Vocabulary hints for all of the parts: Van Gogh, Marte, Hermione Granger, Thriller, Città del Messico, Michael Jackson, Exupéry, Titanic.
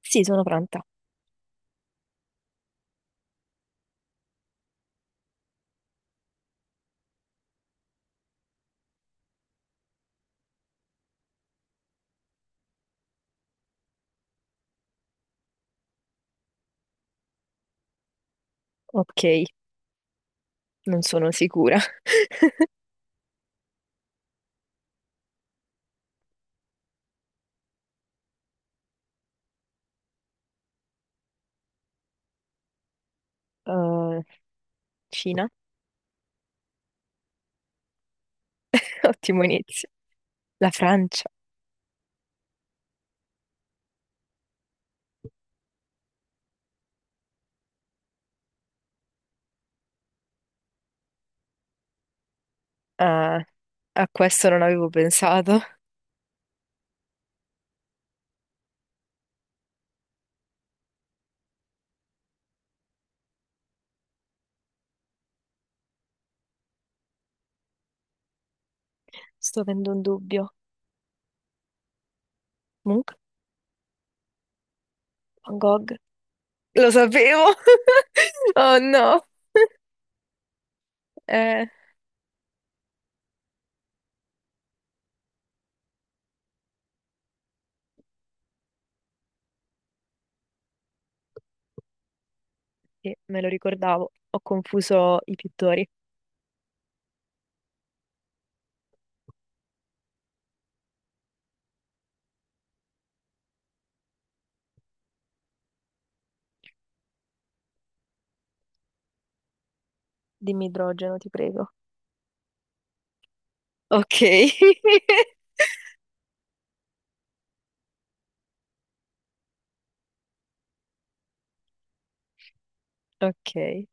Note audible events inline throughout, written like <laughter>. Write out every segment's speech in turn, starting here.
Sì, sono pronta. Ok, non sono sicura. Uh, Cina? <laughs> Ottimo inizio. La Francia? Ah, a questo non avevo pensato. Sto avendo un dubbio. Munch? Van Gogh? Lo sapevo! <laughs> Oh no! Eh, sì, me lo ricordavo. Ho confuso i pittori. Dimmi idrogeno, ti prego. Ok. <laughs> Ok.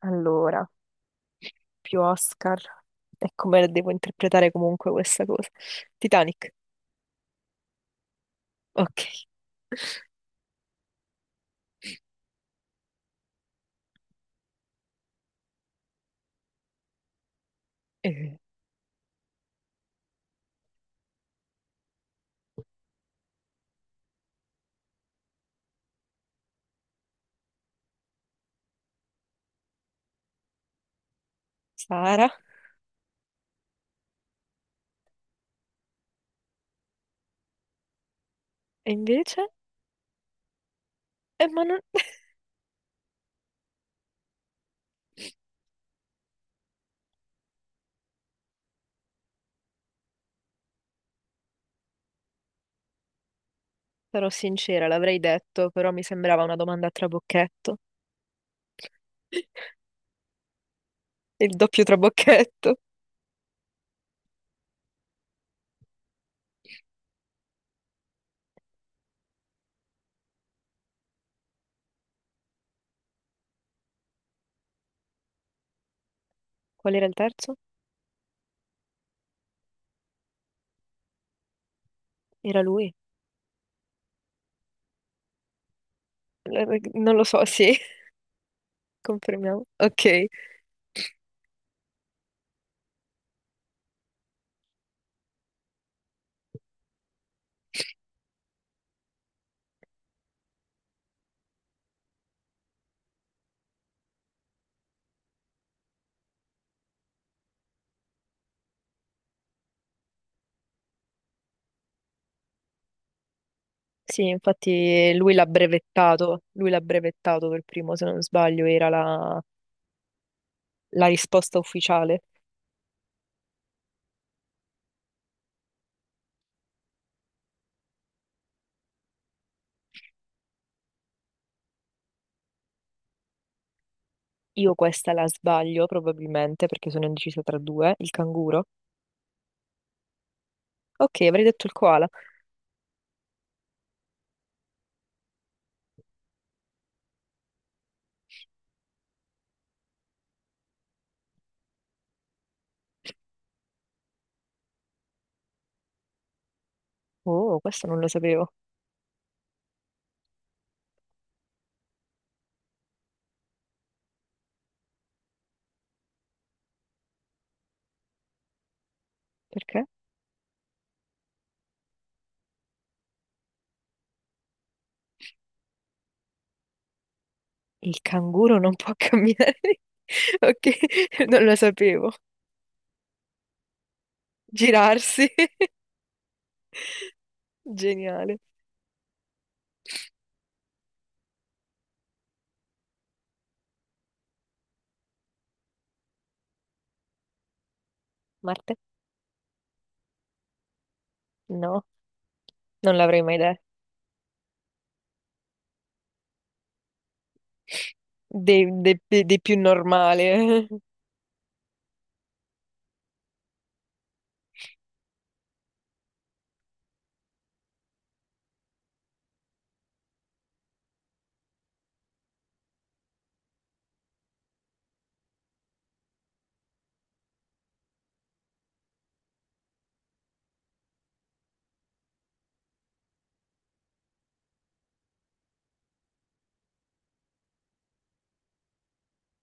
Allora, più Oscar. E come la devo interpretare comunque questa cosa? Titanic. Ok. Eh, Sara. E invece? Ma non sarò sincera, l'avrei detto, però mi sembrava una domanda a trabocchetto. <laughs> Il doppio trabocchetto. Qual era il terzo? Era lui. Non lo so, sì, <laughs> confermiamo. Ok. Sì, infatti lui l'ha brevettato. Lui l'ha brevettato per primo, se non sbaglio, era la risposta ufficiale. Io questa la sbaglio probabilmente perché sono indecisa tra due. Il canguro. Ok, avrei detto il koala. Oh, questo non lo sapevo. Perché? Il canguro non può camminare. <laughs> Ok, non lo sapevo. Girarsi. <laughs> Geniale. Marte? No, non l'avrei mai detto. Dei più normale. <laughs>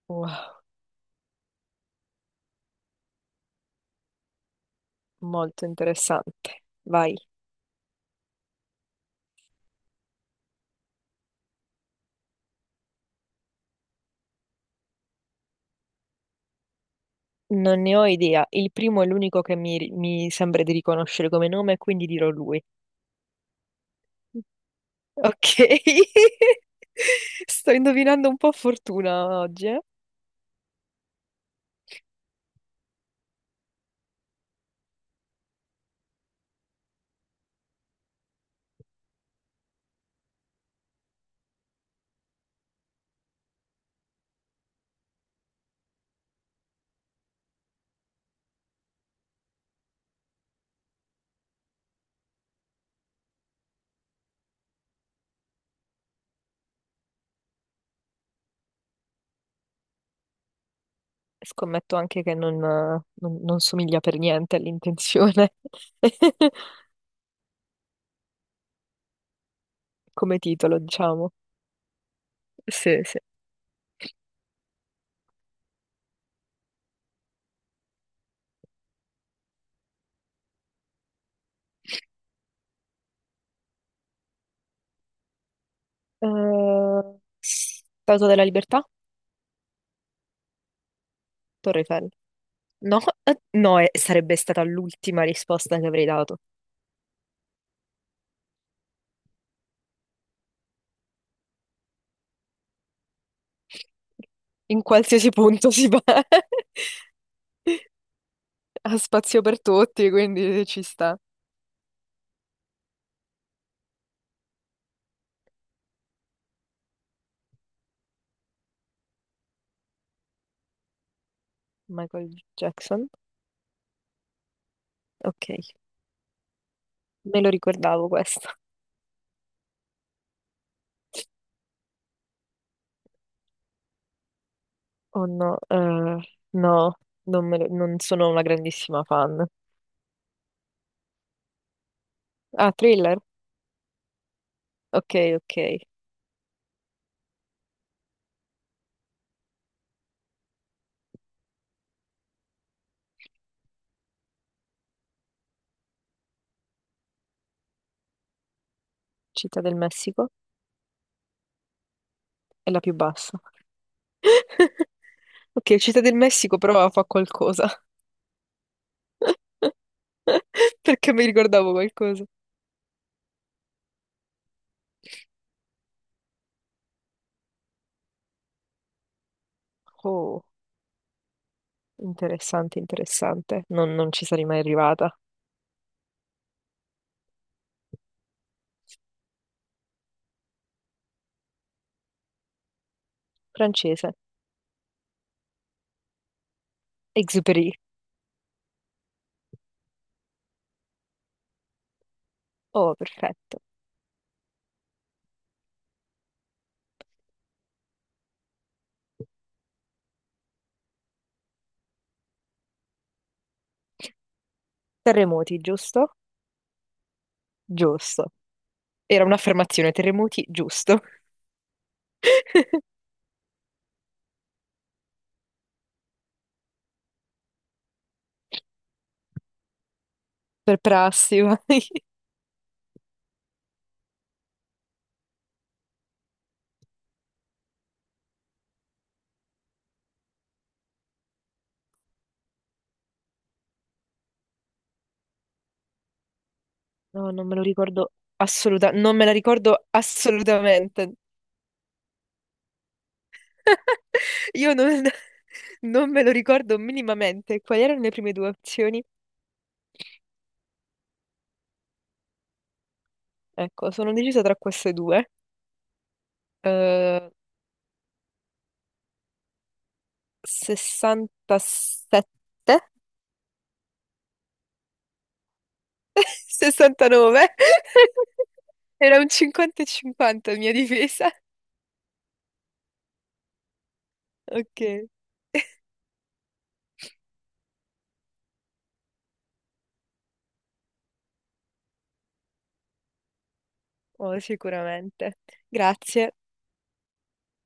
Wow, molto interessante. Vai. Non ne ho idea. Il primo è l'unico che mi sembra di riconoscere come nome, quindi dirò lui. Ok. <laughs> Sto indovinando un po' a fortuna oggi, eh. Scommetto anche che non somiglia per niente all'intenzione <laughs> come titolo, diciamo. Sì, sì. Eh, Statua della Libertà? Torre Eiffel. No, no, sarebbe stata l'ultima risposta che avrei dato. In qualsiasi punto si va. <laughs> Ha spazio per tutti, quindi ci sta. Michael Jackson? Ok, me lo ricordavo questo. Oh no, no, non, me lo- non sono una grandissima fan. Ah, Thriller? Ok, ok. Città del Messico è la più bassa. Ok, Città del Messico però fa qualcosa, <laughs> perché mi ricordavo qualcosa. Oh, interessante, interessante. Non, non ci sarei mai arrivata. Francese, Exupéry. Oh, perfetto. Terremoti, giusto? Giusto. Era un'affermazione, terremoti, giusto. <laughs> Per prassi, vai. No, non me lo ricordo assolutamente, non me la ricordo assolutamente. <laughs> Io non, non me lo ricordo minimamente. Quali erano le prime due opzioni? Ecco, sono decisa tra queste due. Eh, 67, 69. <laughs> <laughs> Era un 50 e 50 la mia difesa. Ok, oh, sicuramente. Grazie.